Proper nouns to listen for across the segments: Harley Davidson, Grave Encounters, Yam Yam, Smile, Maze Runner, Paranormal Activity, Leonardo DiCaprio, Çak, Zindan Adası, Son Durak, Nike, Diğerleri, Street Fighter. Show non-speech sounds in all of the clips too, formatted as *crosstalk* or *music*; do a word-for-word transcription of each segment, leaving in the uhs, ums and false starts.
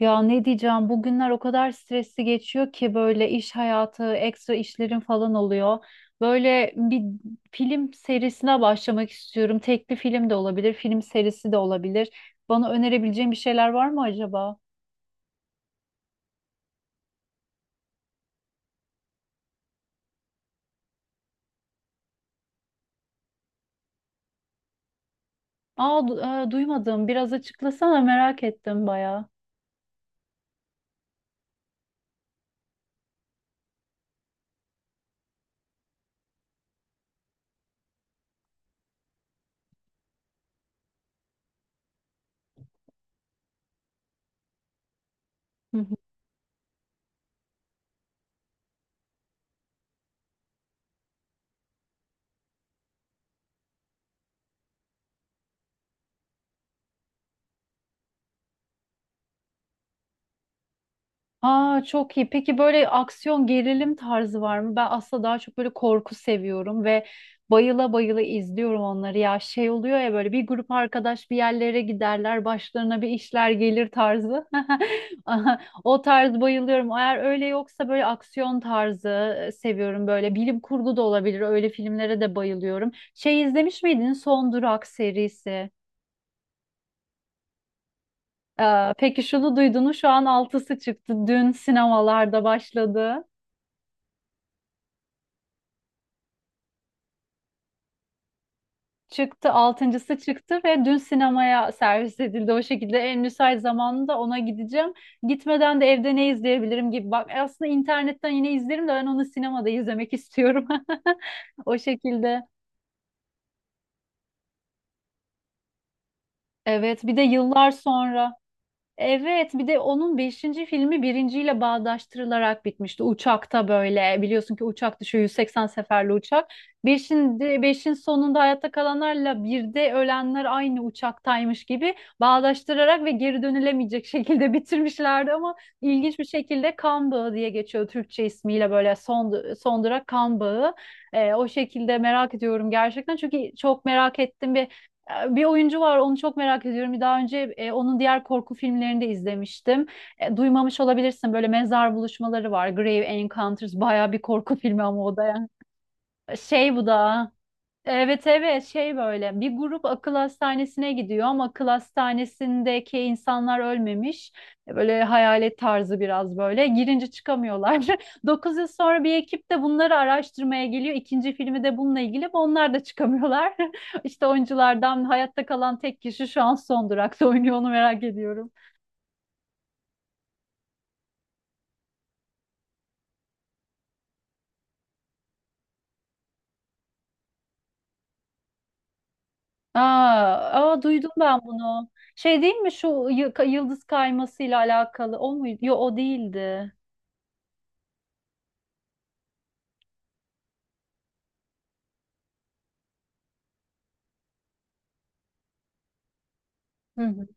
Ya ne diyeceğim, bugünler o kadar stresli geçiyor ki, böyle iş hayatı, ekstra işlerim falan oluyor. Böyle bir film serisine başlamak istiyorum. Tekli film de olabilir, film serisi de olabilir. Bana önerebileceğin bir şeyler var mı acaba? Aa, du- e, duymadım. Biraz açıklasana, merak ettim bayağı. Aa, çok iyi. Peki böyle aksiyon gerilim tarzı var mı? Ben aslında daha çok böyle korku seviyorum ve bayıla bayıla izliyorum onları. Ya şey oluyor ya, böyle bir grup arkadaş bir yerlere giderler, başlarına bir işler gelir tarzı. *laughs* Aha, o tarz bayılıyorum. Eğer öyle yoksa böyle aksiyon tarzı e, seviyorum böyle. Bilim kurgu da olabilir. Öyle filmlere de bayılıyorum. Şey, izlemiş miydin Son Durak serisi? Ee, peki şunu duydunuz, şu an altısı çıktı. Dün sinemalarda başladı. Çıktı, altıncısı çıktı ve dün sinemaya servis edildi. O şekilde en müsait zamanında ona gideceğim. Gitmeden de evde ne izleyebilirim gibi. Bak, aslında internetten yine izlerim de ben onu sinemada izlemek istiyorum. *laughs* O şekilde. Evet, bir de yıllar sonra. Evet, bir de onun beşinci filmi birinciyle bağdaştırılarak bitmişti. Uçakta, böyle biliyorsun ki, uçak düşüyor, yüz seksen seferli uçak. 5'in beşin sonunda hayatta kalanlarla bir de ölenler aynı uçaktaymış gibi bağdaştırarak ve geri dönülemeyecek şekilde *laughs* bitirmişlerdi ama ilginç bir şekilde kan bağı diye geçiyor Türkçe ismiyle, böyle son son durak kan bağı. Ee, o şekilde merak ediyorum gerçekten, çünkü çok merak ettim ve bir oyuncu var, onu çok merak ediyorum. Daha önce e, onun diğer korku filmlerini de izlemiştim. E, duymamış olabilirsin, böyle mezar buluşmaları var. Grave Encounters, baya bir korku filmi ama o da yani. Şey, bu da. Evet, evet, şey, böyle bir grup akıl hastanesine gidiyor ama akıl hastanesindeki insanlar ölmemiş. Böyle hayalet tarzı, biraz böyle girince çıkamıyorlar. *laughs* Dokuz yıl sonra bir ekip de bunları araştırmaya geliyor. İkinci filmi de bununla ilgili ama onlar da çıkamıyorlar. *laughs* İşte oyunculardan hayatta kalan tek kişi şu an son durakta oynuyor, onu merak ediyorum. Aa, aa, duydum ben bunu. Şey değil mi, şu yı- yıldız kaymasıyla alakalı o muydu? Yok, o değildi. Hı hı.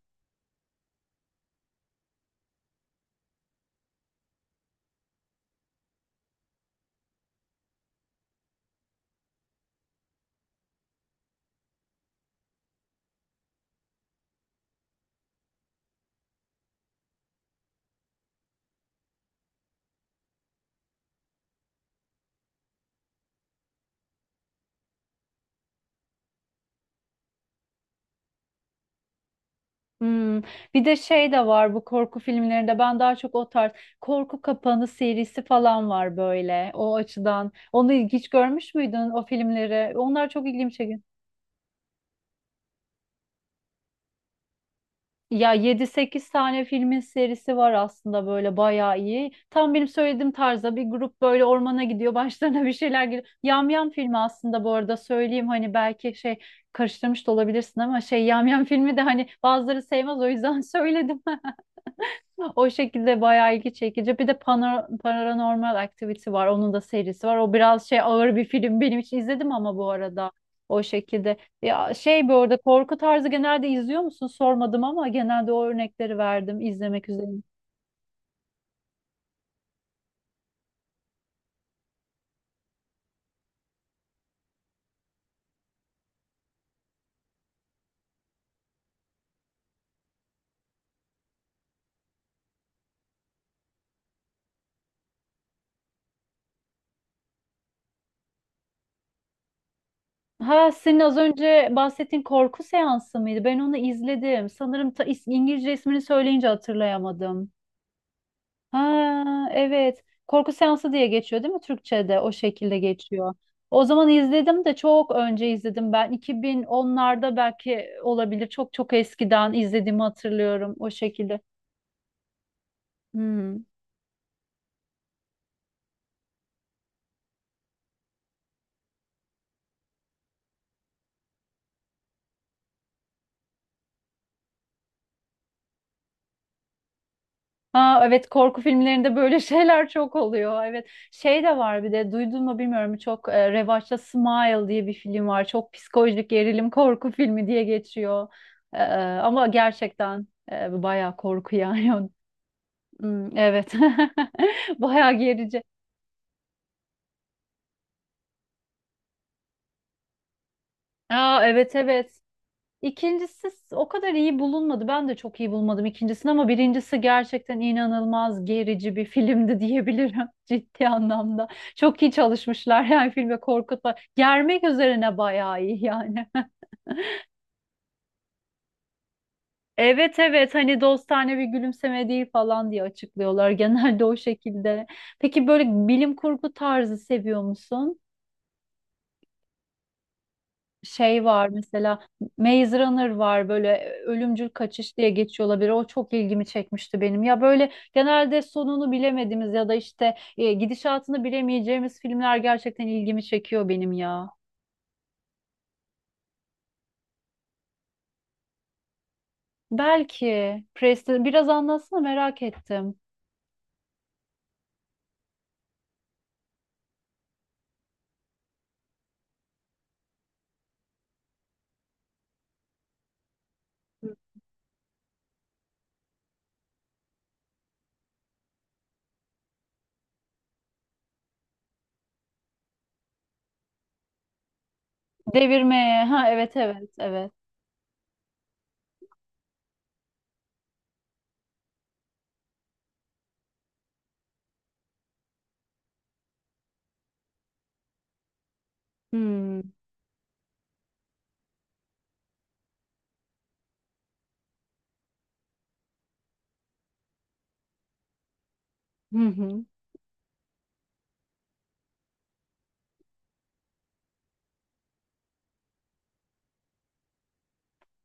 Hmm. Bir de şey de var, bu korku filmlerinde ben daha çok o tarz, korku kapanı serisi falan var böyle, o açıdan. Onu hiç görmüş müydün o filmleri? Onlar çok ilgimi çekiyor. Ya yedi sekiz tane filmin serisi var aslında, böyle bayağı iyi. Tam benim söylediğim tarzda, bir grup böyle ormana gidiyor, *laughs* başlarına bir şeyler geliyor. Yam Yam filmi, aslında bu arada söyleyeyim, hani belki şey karıştırmış da olabilirsin ama şey, Yam Yam filmi de hani, bazıları sevmez o yüzden *laughs* söyledim. O şekilde bayağı ilgi çekici. Bir de Pana- Paranormal Activity var. Onun da serisi var. O biraz şey, ağır bir film. Benim için, izledim ama, bu arada o şekilde. Ya şey, bu arada korku tarzı genelde izliyor musun? Sormadım ama, genelde o örnekleri verdim izlemek üzere. Ha, senin az önce bahsettiğin korku seansı mıydı? Ben onu izledim. Sanırım ta- is- İngilizce ismini söyleyince hatırlayamadım. Ha, evet. Korku seansı diye geçiyor, değil mi, Türkçe'de? O şekilde geçiyor. O zaman izledim de, çok önce izledim ben. iki bin onlarda belki, olabilir. Çok çok eskiden izlediğimi hatırlıyorum, o şekilde. Hmm. Ha, evet, korku filmlerinde böyle *laughs* şeyler çok oluyor. Evet. Şey de var, bir de duydun mu bilmiyorum, çok e, revaçta Smile diye bir film var. Çok psikolojik gerilim korku filmi diye geçiyor. E, e, Ama gerçekten e, bayağı korku yani. *laughs* Hmm, evet. *laughs* Bayağı gerici. Aa, evet, evet. İkincisi o kadar iyi bulunmadı. Ben de çok iyi bulmadım ikincisini ama birincisi gerçekten inanılmaz gerici bir filmdi diyebilirim, *laughs* ciddi anlamda. Çok iyi çalışmışlar yani filme, korkutma. Germek üzerine bayağı iyi yani. *laughs* Evet, evet, hani dostane bir gülümseme değil falan diye açıklıyorlar genelde, o şekilde. Peki böyle bilim kurgu tarzı seviyor musun? Şey var mesela, Maze Runner var, böyle e, ölümcül kaçış diye geçiyor olabilir. O çok ilgimi çekmişti benim. Ya böyle genelde sonunu bilemediğimiz ya da işte e, gidişatını bilemeyeceğimiz filmler gerçekten ilgimi çekiyor benim ya. Belki Preston, biraz anlatsana, merak ettim. Devirmeye. Ha, evet, evet, evet. Hmm. Hı hı.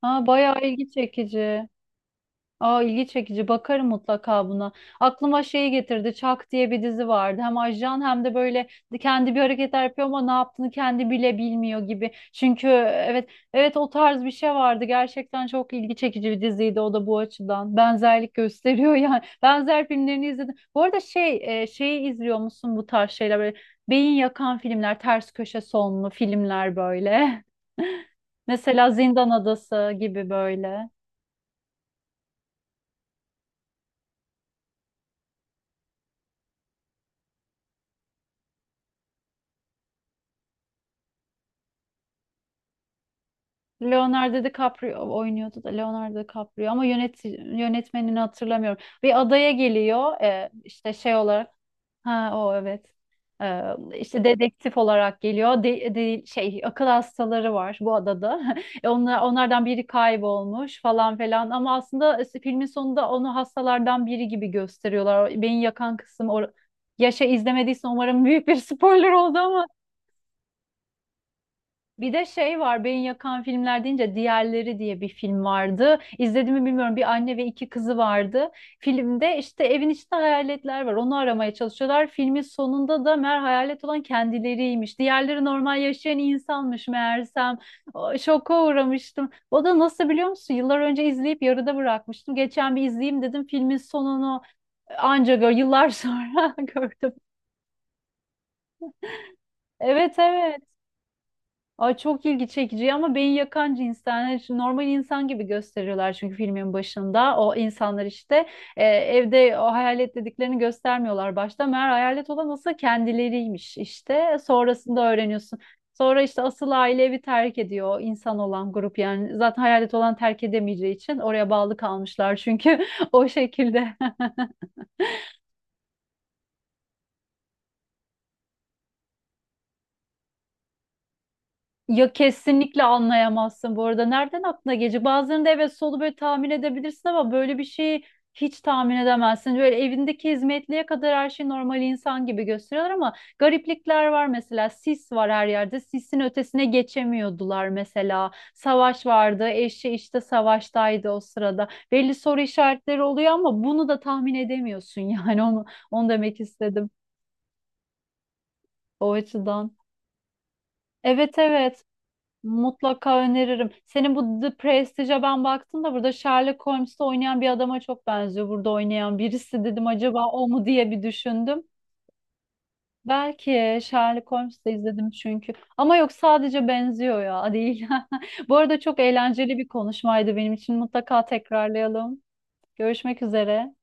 Ha, bayağı ilgi çekici. Aa, ilgi çekici. Bakarım mutlaka buna. Aklıma şeyi getirdi. Çak diye bir dizi vardı. Hem ajan hem de böyle, kendi bir hareketler yapıyor ama ne yaptığını kendi bile bilmiyor gibi. Çünkü evet, evet, o tarz bir şey vardı. Gerçekten çok ilgi çekici bir diziydi o da, bu açıdan. Benzerlik gösteriyor yani. *laughs* Benzer filmlerini izledim. Bu arada şey, e, şeyi izliyor musun, bu tarz şeyler, böyle beyin yakan filmler, ters köşe sonlu filmler böyle. *laughs* Mesela Zindan Adası gibi, böyle. Leonardo DiCaprio oynuyordu da, Leonardo DiCaprio, ama yönet yönetmenini hatırlamıyorum. Bir adaya geliyor e, işte şey olarak. Ha, o evet. Ee, işte dedektif olarak geliyor. De, de- şey, akıl hastaları var bu adada. *laughs* E, onlar, onlardan biri kaybolmuş falan filan ama aslında filmin sonunda onu hastalardan biri gibi gösteriyorlar. O beni yakan kısım or, yaşa, izlemediysen umarım büyük bir spoiler oldu. Bir de şey var, beyin yakan filmler deyince, Diğerleri diye bir film vardı. İzlediğimi bilmiyorum, bir anne ve iki kızı vardı. Filmde işte evin içinde hayaletler var, onu aramaya çalışıyorlar. Filmin sonunda da meğer hayalet olan kendileriymiş. Diğerleri normal yaşayan insanmış meğersem. O, şoka uğramıştım. O da nasıl, biliyor musun? Yıllar önce izleyip yarıda bırakmıştım. Geçen bir izleyeyim dedim filmin sonunu, anca gör, yıllar sonra *laughs* gördüm. Evet, evet. Ay, çok ilgi çekici ama beyin yakan cinsten. Hani şu normal insan gibi gösteriyorlar çünkü filmin başında. O insanlar işte, e, evde o hayalet dediklerini göstermiyorlar başta. Meğer hayalet olan asıl kendileriymiş işte. Sonrasında öğreniyorsun. Sonra işte asıl aile evi terk ediyor, o insan olan grup yani. Zaten hayalet olan terk edemeyeceği için oraya bağlı kalmışlar çünkü, *laughs* o şekilde. *laughs* Ya kesinlikle anlayamazsın bu arada. Nereden aklına gelecek? Bazılarında evet, solu böyle tahmin edebilirsin ama böyle bir şeyi hiç tahmin edemezsin. Böyle evindeki hizmetliye kadar her şey normal insan gibi gösteriyorlar ama gariplikler var mesela. Sis var her yerde. Sisin ötesine geçemiyordular mesela. Savaş vardı. Eşi işte savaştaydı o sırada. Belli soru işaretleri oluyor ama bunu da tahmin edemiyorsun, *laughs* yani onu, onu demek istedim o açıdan. Evet, evet. Mutlaka öneririm. Senin bu The Prestige'e ben baktım da, burada Sherlock Holmes'te oynayan bir adama çok benziyor. Burada oynayan birisi dedim, acaba o mu diye bir düşündüm. Belki Sherlock Holmes'te izledim çünkü. Ama yok, sadece benziyor ya, değil. *laughs* Bu arada çok eğlenceli bir konuşmaydı benim için. Mutlaka tekrarlayalım. Görüşmek üzere.